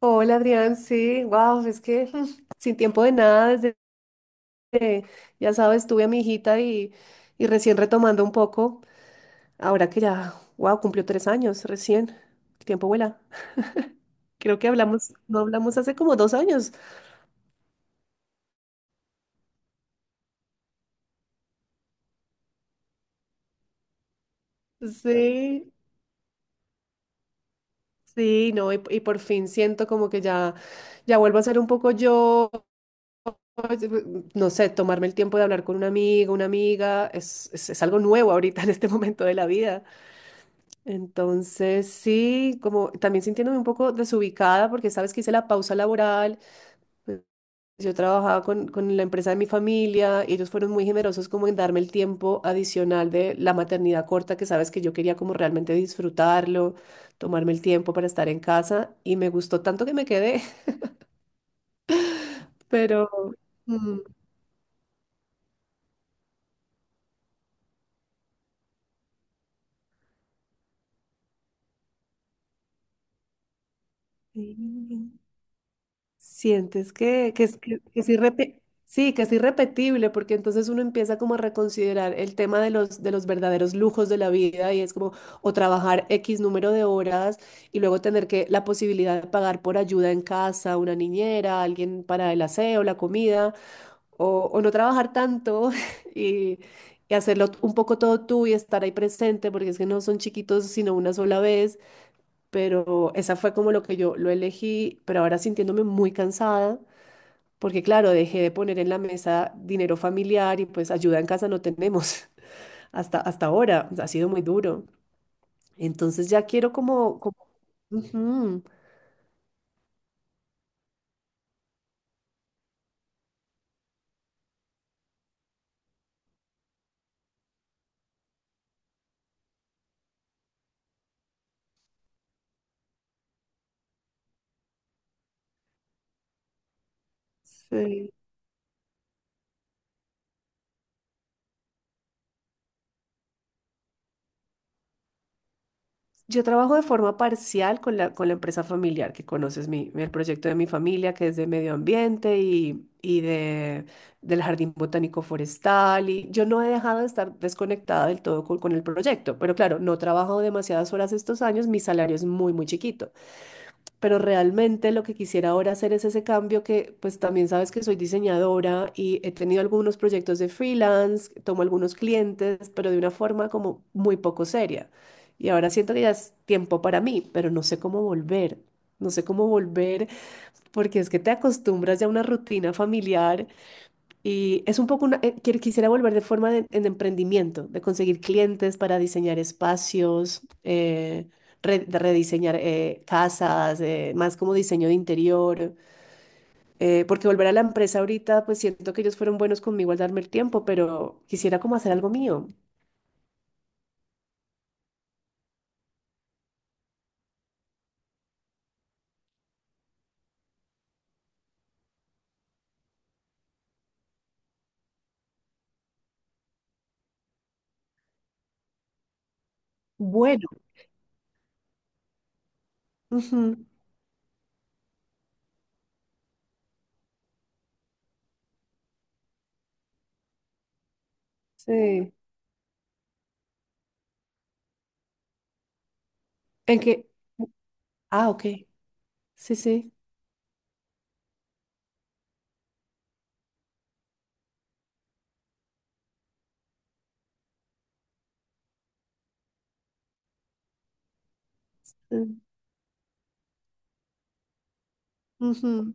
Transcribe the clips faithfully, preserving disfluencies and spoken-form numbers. Hola Adrián, sí, wow, es que mm, sin tiempo de nada, desde, Ya sabes, tuve a mi hijita y, y recién retomando un poco, ahora que ya, wow, cumplió tres años, recién, el tiempo vuela. Creo que hablamos, no hablamos hace como dos años. Sí, sí, no, y, y por fin siento como que ya, ya vuelvo a ser un poco yo. No sé, tomarme el tiempo de hablar con un amigo, una amiga, es, es es algo nuevo ahorita en este momento de la vida. Entonces, sí, como también sintiéndome un poco desubicada porque sabes que hice la pausa laboral, pues, yo trabajaba con, con la empresa de mi familia y ellos fueron muy generosos como en darme el tiempo adicional de la maternidad corta, que sabes que yo quería como realmente disfrutarlo, tomarme el tiempo para estar en casa, y me gustó tanto que me quedé. pero... mm, sí. Sientes que, que, es- que, que es irrepe- sí, que es irrepetible, porque entonces uno empieza como a reconsiderar el tema de los, de los verdaderos lujos de la vida, y es como o trabajar X número de horas y luego tener que la posibilidad de pagar por ayuda en casa, una niñera, alguien para el aseo, la comida, o, o no trabajar tanto y, y hacerlo un poco todo tú y estar ahí presente, porque es que no son chiquitos sino una sola vez. Pero esa fue como lo que yo lo elegí, pero ahora sintiéndome muy cansada porque claro, dejé de poner en la mesa dinero familiar y pues ayuda en casa no tenemos hasta, hasta ahora, ha sido muy duro. Entonces ya quiero como, como ujú, sí. Yo trabajo de forma parcial con la, con la empresa familiar, que conoces mi, el proyecto de mi familia, que es de medio ambiente y, y de, del jardín botánico forestal. Y yo no he dejado de estar desconectada del todo con, con el proyecto, pero claro, no trabajo demasiadas horas estos años, mi salario es muy, muy chiquito. Pero realmente lo que quisiera ahora hacer es ese cambio, que pues también sabes que soy diseñadora y he tenido algunos proyectos de freelance, tomo algunos clientes, pero de una forma como muy poco seria. Y ahora siento que ya es tiempo para mí, pero no sé cómo volver. No sé cómo volver, porque es que te acostumbras ya a una rutina familiar y es un poco una, eh, quier- quisiera volver de forma de, en emprendimiento, de conseguir clientes para diseñar espacios, eh, re- de rediseñar eh, casas, eh, más como diseño de interior, eh, porque volver a la empresa ahorita, pues siento que ellos fueron buenos conmigo al darme el tiempo, pero quisiera como hacer algo mío. Bueno. Ujú, sí. En que, ah, ok. Sí, sí. Mm, ujú,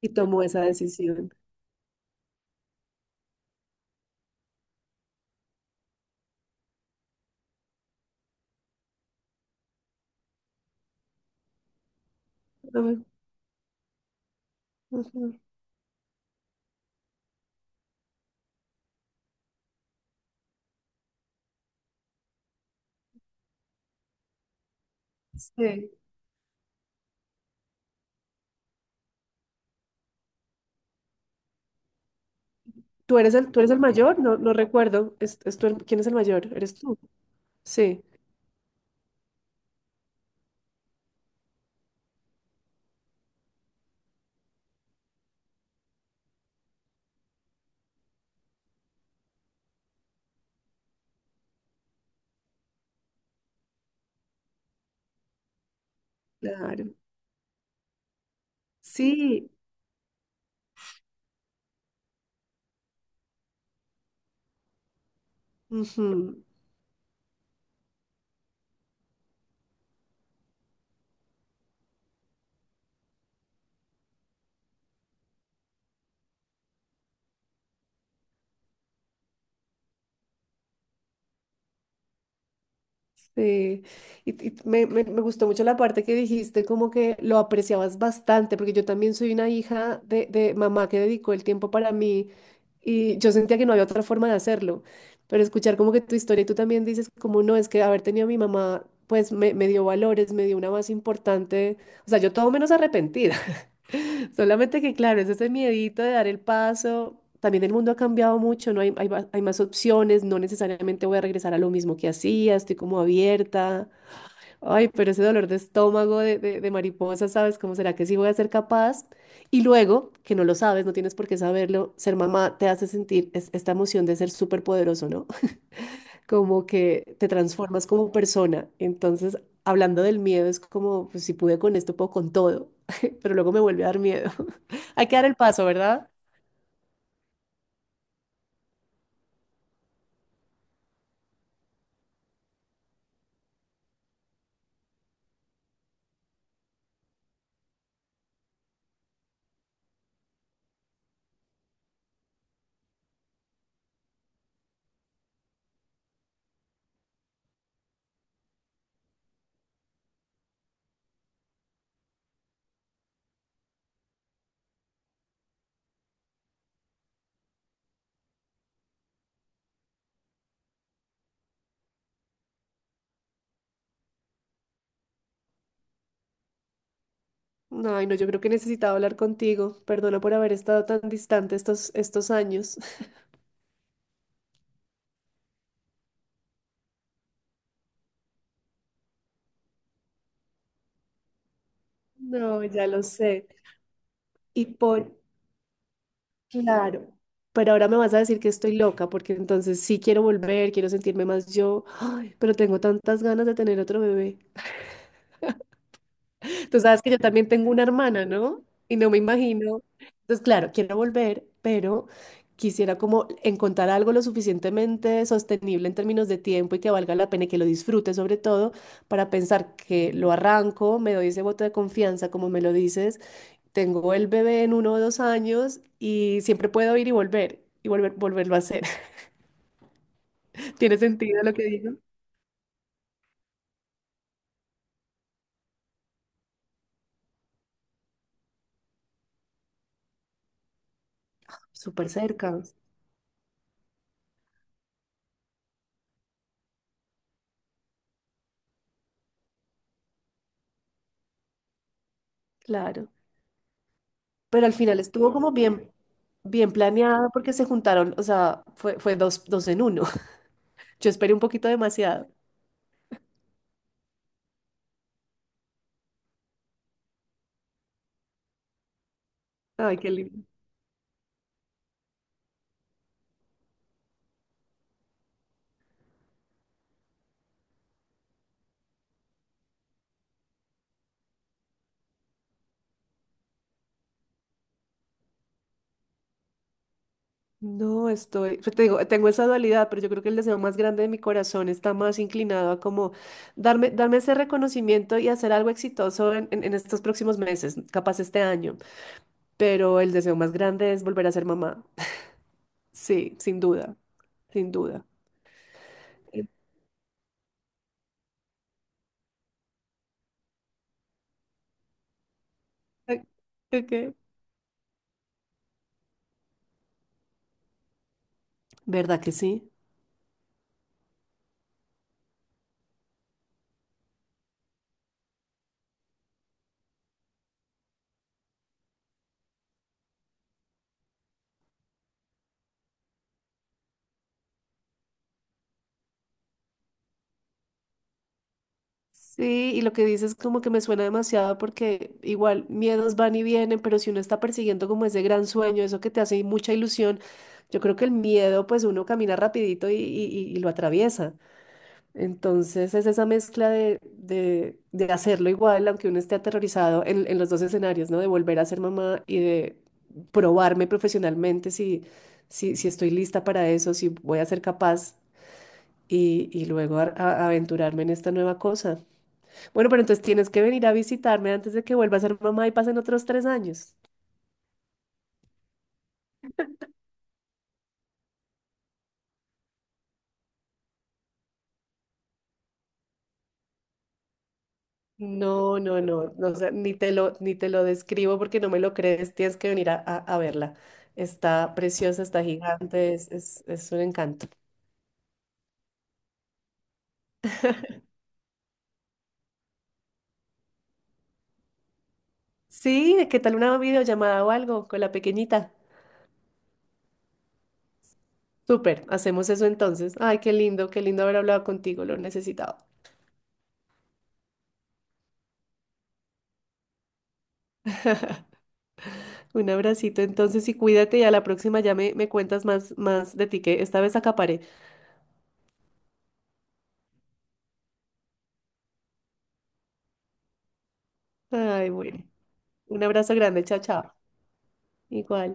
y tomó esa decisión. Ujú, ujú, sí. ¿Tú eres el, tú eres el mayor? No, no recuerdo. ¿Es, es tú el- quién es el mayor? ¿Eres tú? Sí, claro. Sí. Ujú, sí. Y, y me, me- me gustó mucho la parte que dijiste, como que lo apreciabas bastante, porque yo también soy una hija de, de mamá que dedicó el tiempo para mí, y yo sentía que no había otra forma de hacerlo. Pero escuchar como que tu historia, y tú también dices, como no, es que haber tenido a mi mamá, pues me, me dio valores, me dio una base importante. O sea, yo todo menos arrepentida. Solamente que, claro, es ese miedito de dar el paso. También el mundo ha cambiado mucho, ¿no? Hay, hay, va- hay más opciones, no necesariamente voy a regresar a lo mismo que hacía, estoy como abierta. Ay, pero ese dolor de estómago de, de, de mariposa, ¿sabes? ¿Cómo será que sí voy a ser capaz? Y luego, que no lo sabes, no tienes por qué saberlo, ser mamá te hace sentir es- esta emoción de ser súper poderoso, ¿no? Como que te transformas como persona. Entonces, hablando del miedo, es como, pues si pude con esto, puedo con todo, pero luego me vuelve a dar miedo. Hay que dar el paso, ¿verdad? No, ay, no, yo creo que necesitaba hablar contigo. Perdona por haber estado tan distante estos, estos años. No, ya lo sé. Y por, claro, pero ahora me vas a decir que estoy loca, porque entonces sí quiero volver, quiero sentirme más yo. Ay, pero tengo tantas ganas de tener otro bebé. Tú sabes que yo también tengo una hermana, ¿no? Y no me imagino. Entonces, claro, quiero volver, pero quisiera como encontrar algo lo suficientemente sostenible en términos de tiempo y que valga la pena y que lo disfrute, sobre todo para pensar que lo arranco, me doy ese voto de confianza, como me lo dices, tengo el bebé en uno o dos años, y siempre puedo ir y volver y volver, volverlo a hacer. ¿Tiene sentido lo que digo? Súper cerca, claro. Pero al final estuvo como bien, bien planeado, porque se juntaron, o sea, fue, fue dos, dos en uno. Yo esperé un poquito demasiado. Ay, qué lindo. No, estoy, yo te digo, tengo esa dualidad, pero yo creo que el deseo más grande de mi corazón está más inclinado a como darme, darme ese reconocimiento y hacer algo exitoso en, en en estos próximos meses, capaz este año. Pero el deseo más grande es volver a ser mamá. Sí, sin duda, sin duda. Eh, eh, Ok. ¿Verdad que sí? Sí, y lo que dices como que me suena demasiado, porque igual miedos van y vienen, pero si uno está persiguiendo como ese gran sueño, eso que te hace mucha ilusión, yo creo que el miedo pues uno camina rapidito y, y- y- y lo atraviesa. Entonces es esa mezcla de, de- de hacerlo igual, aunque uno esté aterrorizado en, en los dos escenarios, ¿no? De volver a ser mamá y de probarme profesionalmente si, si, si estoy lista para eso, si voy a ser capaz y, y luego a- a- aventurarme en esta nueva cosa. Bueno, pero entonces tienes que venir a visitarme antes de que vuelva a ser mamá y pasen otros tres años. No, no, no, no, o sea, ni te lo, ni te lo describo porque no me lo crees, tienes que venir a, a- a verla. Está preciosa, está gigante, es, es, es un encanto. Sí, ¿qué tal una videollamada o algo con la pequeñita? Súper, hacemos eso entonces. Ay, qué lindo, qué lindo haber hablado contigo, lo necesitaba. Un abracito entonces y cuídate, y a la próxima ya me, me cuentas más, más de ti, que esta vez acaparé. Ay, bueno, un abrazo grande, chao, chao. Igual.